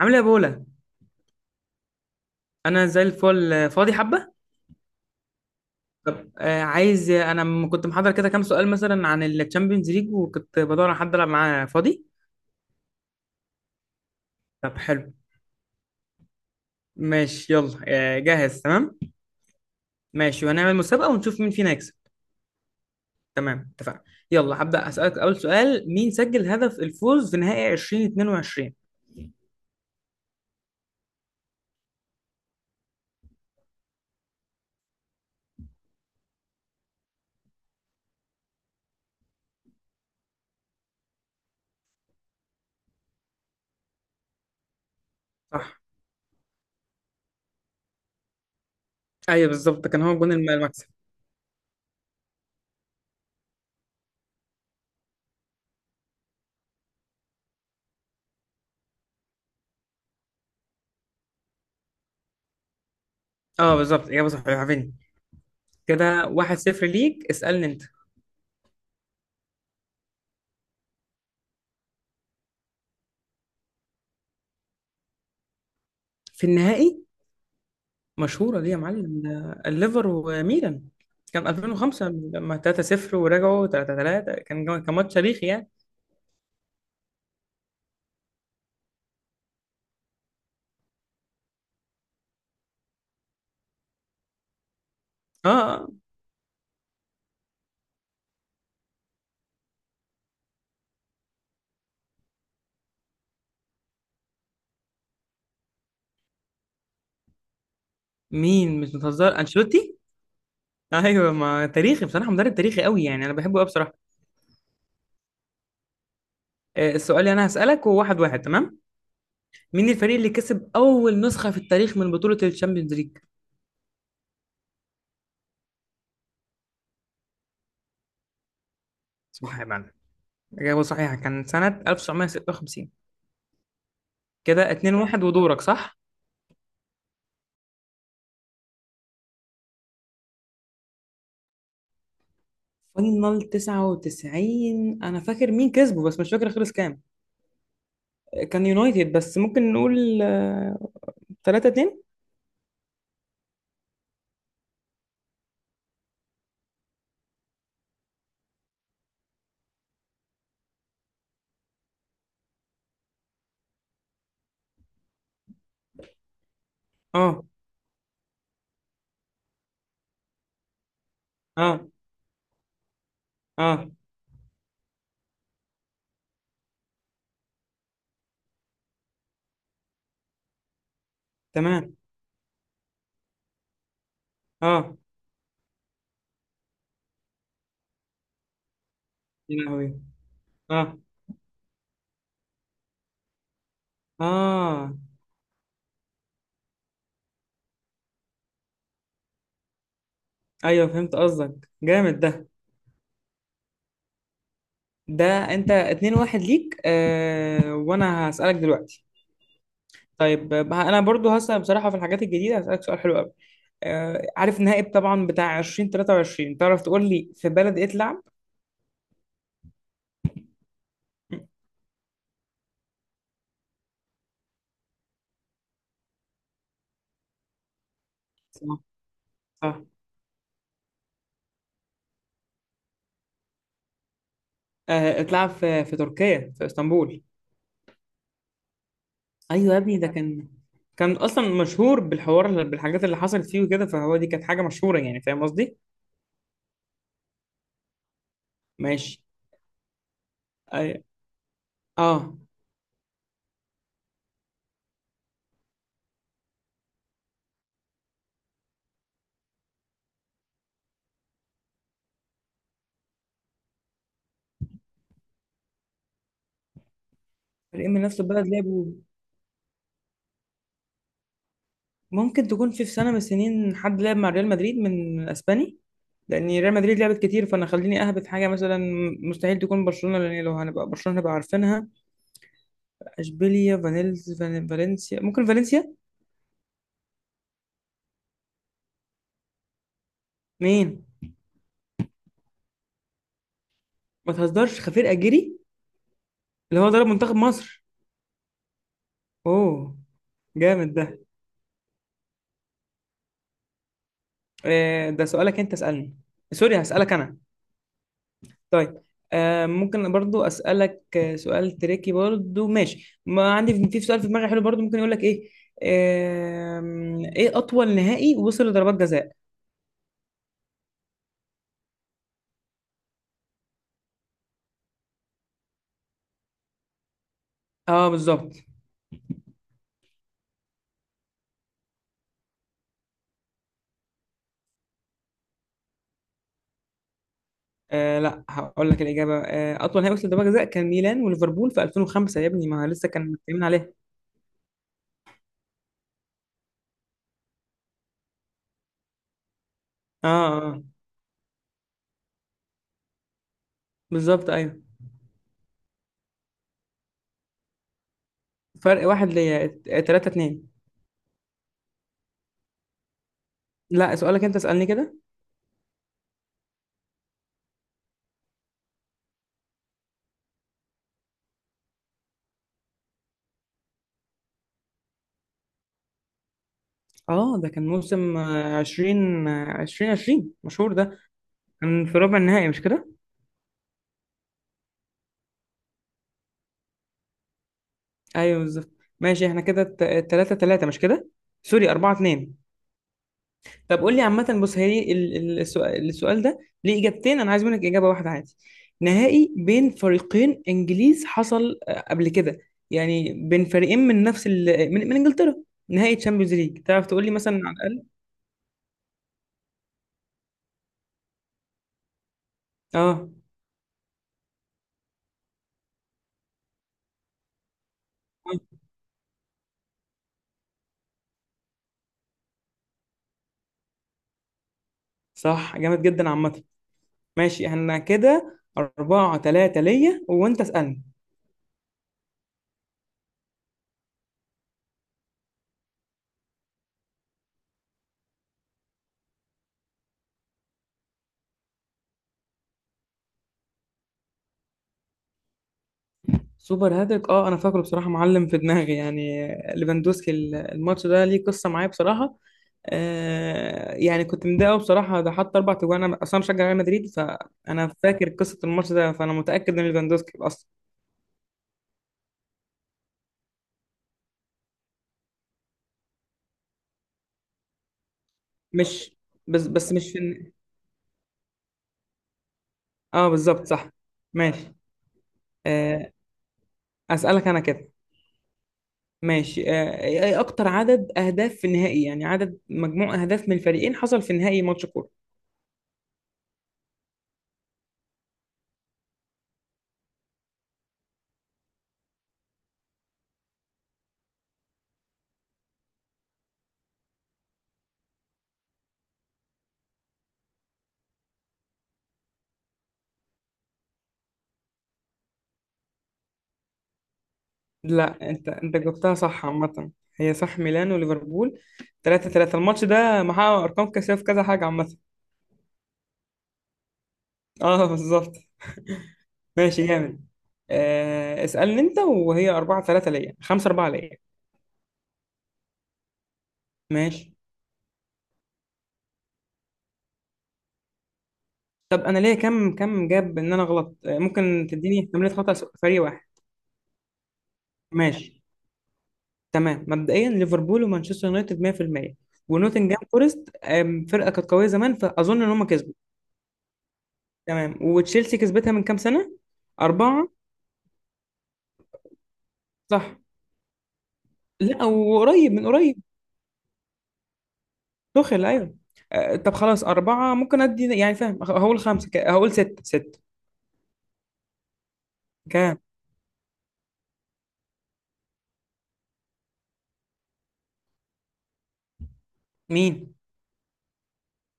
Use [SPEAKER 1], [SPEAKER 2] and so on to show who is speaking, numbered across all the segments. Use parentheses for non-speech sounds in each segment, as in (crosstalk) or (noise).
[SPEAKER 1] عامل ايه يا بولا؟ انا زي الفل، فاضي حبه. طب عايز، كنت محضر كده كام سؤال مثلا عن الشامبيونز ليج، وكنت بدور على حد العب معاه. فاضي؟ طب حلو. ماشي، يلا. جاهز؟ تمام. ماشي، وهنعمل مسابقه ونشوف مين فينا يكسب. تمام، اتفقنا. يلا هبدا اسالك. اول سؤال: مين سجل هدف الفوز في نهائي 2022؟ صح. ايوه بالظبط، ده كان هو جون المكسب. اه بالظبط، اجابه صحيحه، فيني. كده 1-0 ليك. اسالني انت. في النهائي؟ مشهورة دي يا معلم، ده الليفر وميلان. كان 2005 لما 3-0 ورجعوا 3-3، كان كان ماتش تاريخي يعني. اه مين؟ مش بتهزر، انشيلوتي؟ ايوه، ما تاريخي بصراحة، مدرب تاريخي قوي يعني، انا بحبه قوي بصراحة. السؤال اللي انا هسألك هو واحد واحد، تمام؟ مين الفريق اللي كسب اول نسخة في التاريخ من بطولة الشامبيونز ليج؟ صح يا معلم، إجابة صحيحة، كان سنة 1956. كده 2-1، ودورك. صح. فاينل 99، انا فاكر مين كسبه بس مش فاكر خلص كام. كان يونايتد، بس ممكن نقول 3 2. اه اه اه تمام. اه. يا لهوي. اه اه ايوه، فهمت قصدك، جامد ده. ده انت 2 1 ليك. وانا هسألك دلوقتي. طيب انا برضو هسأل بصراحة في الحاجات الجديدة، هسألك سؤال حلو قوي. آه، عارف النهائي طبعا بتاع 2023، تعرف تقول لي في بلد ايه اتلعب؟ صح صح آه، اتلعب في في تركيا، في اسطنبول. ايوه يا ابني، ده كان كان اصلا مشهور بالحوار، بالحاجات اللي حصلت فيه وكده، فهو دي كانت حاجه مشهوره يعني، فاهم قصدي؟ ماشي. أي- اه فريق من نفس البلد لعبوا. ممكن تكون في في سنه من السنين حد لعب مع ريال مدريد من اسباني، لان ريال مدريد لعبت كتير، فانا خليني اهبط حاجه مثلا. مستحيل تكون برشلونه، لان لو هنبقى برشلونه هنبقى عارفينها. اشبيليا، فالنسيا، ممكن فالنسيا. مين؟ ما تهزرش، خفير اجيري؟ اللي هو ضرب منتخب مصر. اوه، جامد ده. ده سؤالك، انت اسألني. سوري، هسألك انا. طيب ممكن برضو اسألك سؤال تريكي برضو، ماشي؟ ما عندي في سؤال في دماغي حلو برضو، ممكن يقول لك ايه. ايه اطول نهائي وصل لضربات جزاء؟ اه بالظبط. آه لا، هقول لك الاجابه. اطول نهائي وصل لضربات جزاء كان ميلان وليفربول في 2005، يا ابني ما لسه كان متكلمين عليها. اه اه آه. بالظبط ايوه. فرق واحد ليا، 3 2. لا سؤالك، انت اسألني كده. اه، ده كان موسم عشرين عشرين، مشهور ده. كان في ربع النهائي مش كده؟ ايوه بالظبط. ماشي، احنا كده تلاتة تلاتة مش كده؟ سوري، أربعة اتنين. طب قول لي، عامة بص، هي السؤال، ده ليه إجابتين، أنا عايز منك إجابة واحدة عادي. نهائي بين فريقين إنجليز حصل قبل كده، يعني بين فريقين من نفس من، من إنجلترا. نهائي تشامبيونز ليج، تعرف تقول لي مثلا على الأقل؟ اه آه، صح، جامد جدا عامة. ماشي، احنا كده أربعة تلاتة ليا، وأنت اسألني. سوبر هاتريك؟ اه أنا فاكره بصراحة معلم، في دماغي يعني. ليفاندوسكي، الماتش ده ليه قصة معايا بصراحة. آه يعني كنت متضايق أوي بصراحة، ده حط أربع تجوان، أنا أصلا مشجع ريال مدريد، فأنا فاكر قصة الماتش ده، فأنا متأكد إن ليفاندوسكي أصلا. مش بس بس مش في اه بالظبط صح. ماشي. آه أسألك أنا كده. ماشي ايه اكتر عدد اهداف في النهائي؟ يعني عدد مجموع اهداف من الفريقين حصل في نهائي ماتش كورة. لا انت، جبتها صح عامة، هي صح، ميلان وليفربول، 3 3. الماتش ده محقق ارقام قياسية في كذا حاجة عامة. (laughs) اه بالظبط. ماشي جامد. اسألني انت، وهي 4 3 ليا، 5 4 ليا. ماشي. طب انا ليا، كم كم جاب ان انا غلط؟ آه ممكن تديني احتمالية خطأ، فريق واحد. ماشي. تمام، مبدئيا ليفربول ومانشستر يونايتد، 100%. ونوتنجهام فورست، فرقة كانت قوية زمان، فأظن إن هم كسبوا. تمام، وتشيلسي كسبتها من كام سنة؟ أربعة؟ صح؟ لا، وقريب من قريب. دخل، ايوه. طب خلاص، أربعة ممكن أدي يعني فاهم، هقول خمسة، هقول ستة. ستة؟ كام؟ مين؟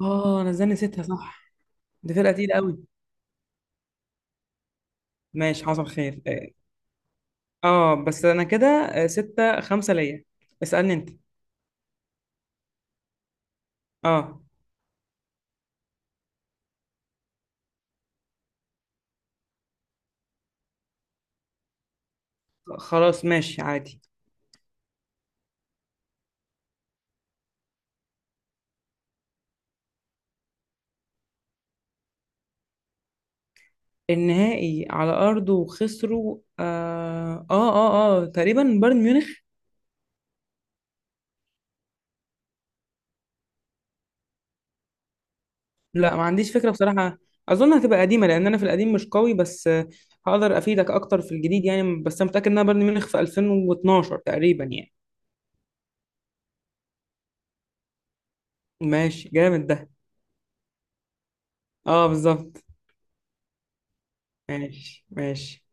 [SPEAKER 1] اه نزلني ستة، صح. دي فرقة تقيلة قوي. ماشي، حصل خير. اه بس أنا كده ستة خمسة ليا. اسألني أنت. اه خلاص، ماشي عادي. النهائي على أرضه وخسروا؟ تقريبا بايرن ميونخ. لا، ما عنديش فكرة بصراحة. أظن هتبقى قديمة، لأن أنا في القديم مش قوي، بس هقدر أفيدك أكتر في الجديد يعني، بس أنا متأكد إنها بايرن ميونخ في 2012 تقريبا يعني. ماشي جامد ده. أه بالظبط. ماشي ماشي.